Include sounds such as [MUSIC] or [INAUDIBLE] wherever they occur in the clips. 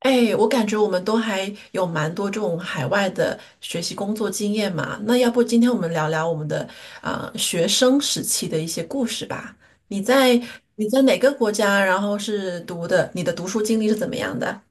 哎，我感觉我们都还有蛮多这种海外的学习工作经验嘛。那要不今天我们聊聊我们的学生时期的一些故事吧？你在你在哪个国家？然后是读的，你的读书经历是怎么样的？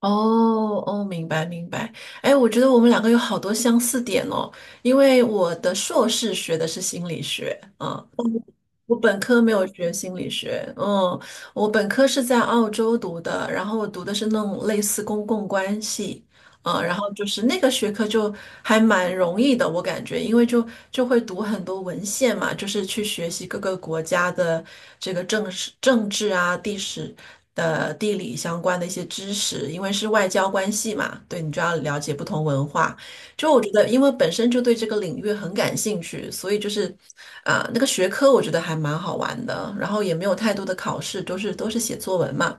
哦哦，明白明白。哎，我觉得我们两个有好多相似点哦，因为我的硕士学的是心理学。嗯，我本科没有学心理学。嗯，我本科是在澳洲读的，然后我读的是那种类似公共关系。然后就是那个学科就还蛮容易的，我感觉，因为就会读很多文献嘛，就是去学习各个国家的这个政史、政治啊、地史的地理相关的一些知识，因为是外交关系嘛，对，你就要了解不同文化。就我觉得，因为本身就对这个领域很感兴趣，所以就是，那个学科我觉得还蛮好玩的，然后也没有太多的考试，都是写作文嘛。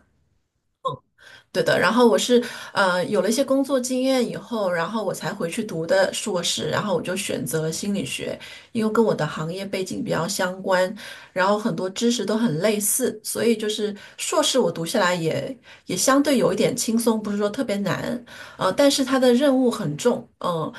对的。然后我是有了一些工作经验以后，然后我才回去读的硕士，然后我就选择了心理学，因为跟我的行业背景比较相关，然后很多知识都很类似，所以就是硕士我读下来也相对有一点轻松，不是说特别难。但是它的任务很重。嗯、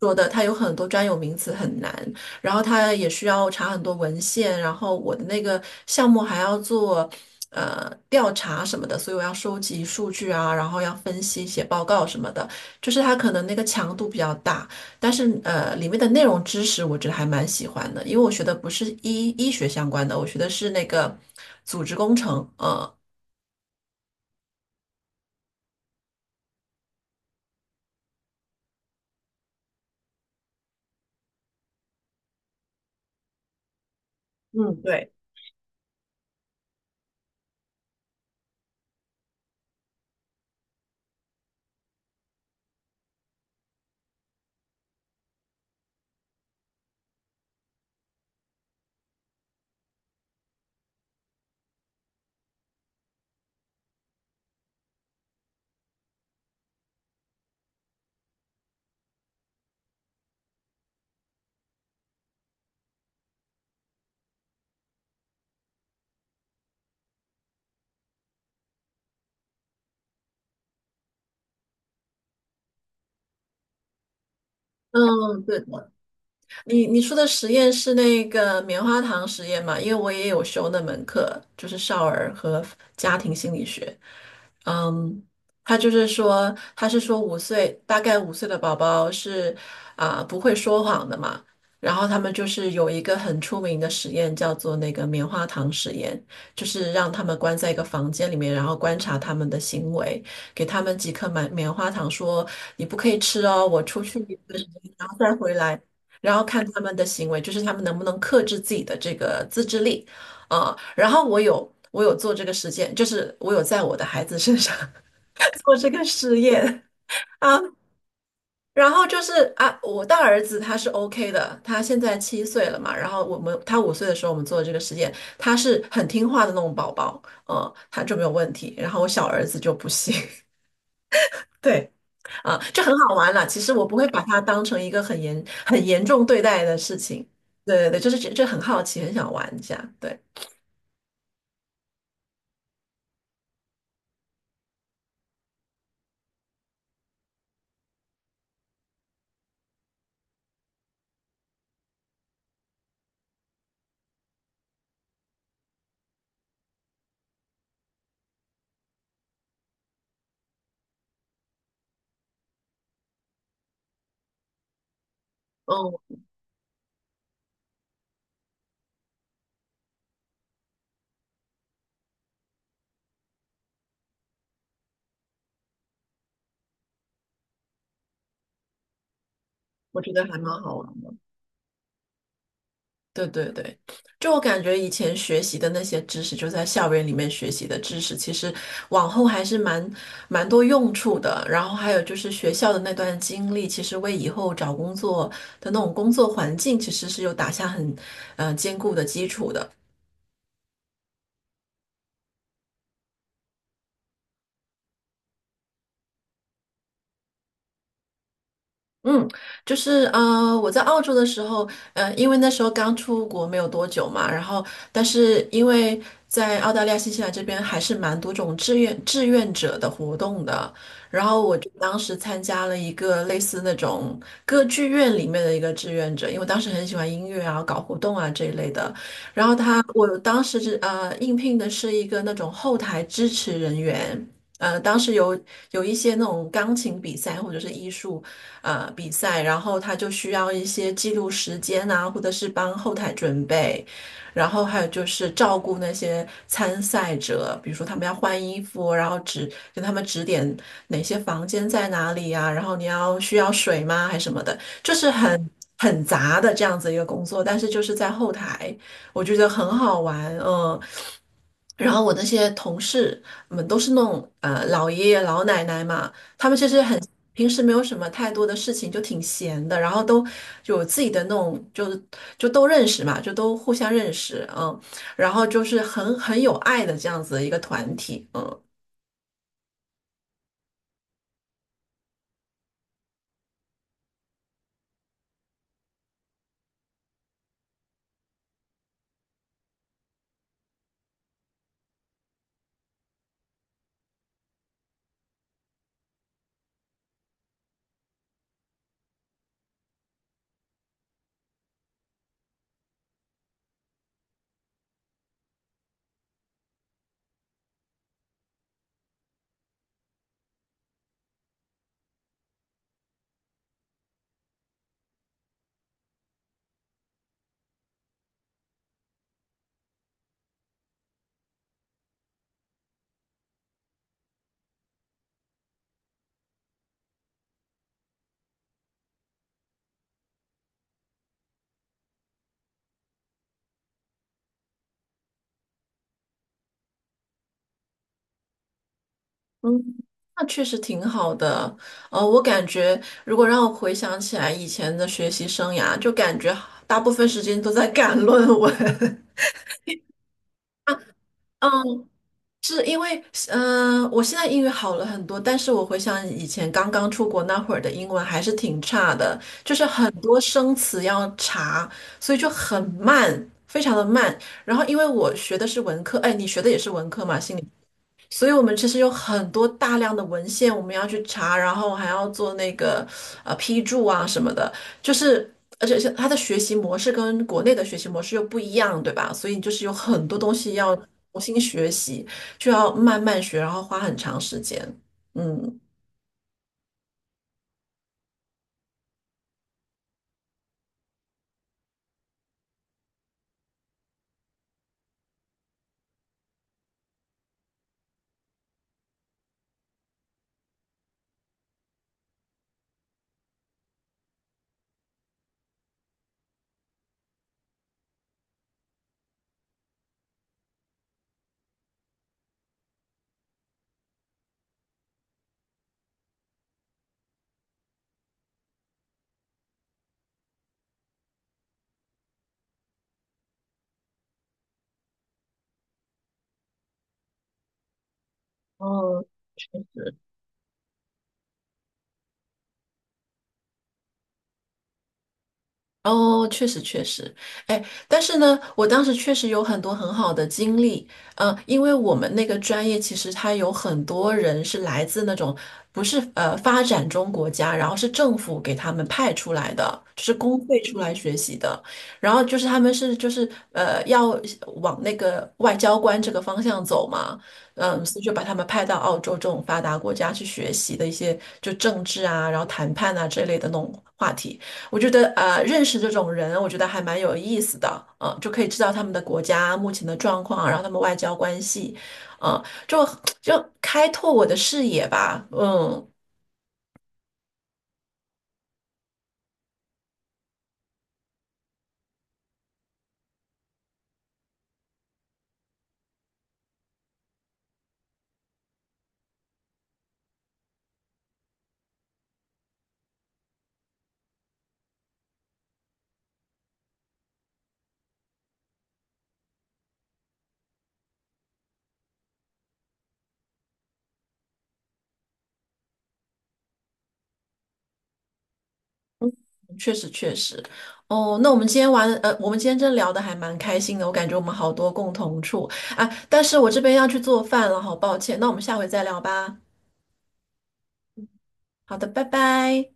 说的，它有很多专有名词很难，然后它也需要查很多文献，然后我的那个项目还要做调查什么的，所以我要收集数据啊，然后要分析、写报告什么的，就是它可能那个强度比较大，但是里面的内容知识我觉得还蛮喜欢的，因为我学的不是医学相关的，我学的是那个组织工程。嗯，对，嗯，对的。你说的实验是那个棉花糖实验嘛？因为我也有修那门课，就是少儿和家庭心理学。嗯，他就是说，他是说五岁，大概五岁的宝宝是不会说谎的嘛。然后他们就是有一个很出名的实验，叫做那个棉花糖实验，就是让他们关在一个房间里面，然后观察他们的行为，给他们几颗棉花糖，说你不可以吃哦，我出去一段时间，然后再回来。然后看他们的行为，就是他们能不能克制自己的这个自制力。然后我有做这个实践，就是我有在我的孩子身上 [LAUGHS] 做这个实验啊。然后就是啊，我大儿子他是 OK 的，他现在7岁了嘛，然后我们他五岁的时候我们做这个实验，他是很听话的那种宝宝。他就没有问题，然后我小儿子就不行。[LAUGHS] 对。啊，就很好玩了。其实我不会把它当成一个很严重对待的事情。对对对，就是这很好奇，很想玩一下。对。嗯，我觉得还蛮好玩的。对对对，就我感觉以前学习的那些知识，就在校园里面学习的知识，其实往后还是蛮多用处的。然后还有就是学校的那段经历，其实为以后找工作的那种工作环境，其实是有打下很坚固的基础的。嗯，就是我在澳洲的时候。因为那时候刚出国没有多久嘛，然后但是因为在澳大利亚、新西兰这边还是蛮多种志愿者的活动的，然后我就当时参加了一个类似那种歌剧院里面的一个志愿者，因为我当时很喜欢音乐啊、搞活动啊这一类的，然后我当时是应聘的是一个那种后台支持人员。当时有一些那种钢琴比赛或者是艺术比赛，然后他就需要一些记录时间啊，或者是帮后台准备，然后还有就是照顾那些参赛者，比如说他们要换衣服，然后指给他们指点哪些房间在哪里啊，然后你要需要水吗，还什么的，就是很杂的这样子一个工作，但是就是在后台，我觉得很好玩。嗯、然后我那些同事们都是那种老爷爷老奶奶嘛，他们其实很平时没有什么太多的事情，就挺闲的，然后都有自己的那种，就是就都认识嘛，就都互相认识。嗯，然后就是很有爱的这样子的一个团体。嗯。嗯，那确实挺好的。我感觉如果让我回想起来以前的学习生涯，就感觉大部分时间都在 [LAUGHS] 赶论文。[LAUGHS] 嗯，是因为，我现在英语好了很多，但是我回想以前刚刚出国那会儿的英文还是挺差的，就是很多生词要查，所以就很慢，非常的慢。然后因为我学的是文科，哎，你学的也是文科嘛，所以我们其实有很多大量的文献我们要去查，然后还要做那个批注啊什么的，就是而且是它的学习模式跟国内的学习模式又不一样，对吧？所以就是有很多东西要重新学习，就要慢慢学，然后花很长时间。嗯，哦，哦，确实确实。哎，但是呢，我当时确实有很多很好的经历。因为我们那个专业其实它有很多人是来自那种不是发展中国家，然后是政府给他们派出来的，就是公费出来学习的，然后就是他们是就是要往那个外交官这个方向走嘛。所以就把他们派到澳洲这种发达国家去学习的一些就政治啊，然后谈判啊这类的那种话题。我觉得认识这种人，我觉得还蛮有意思的。就可以知道他们的国家目前的状况，然后他们外交关系。嗯、就就开拓我的视野吧。嗯，确实确实。哦，那我们今天玩，我们今天真聊的还蛮开心的，我感觉我们好多共同处啊，但是我这边要去做饭了，好抱歉，那我们下回再聊吧。好的。拜拜。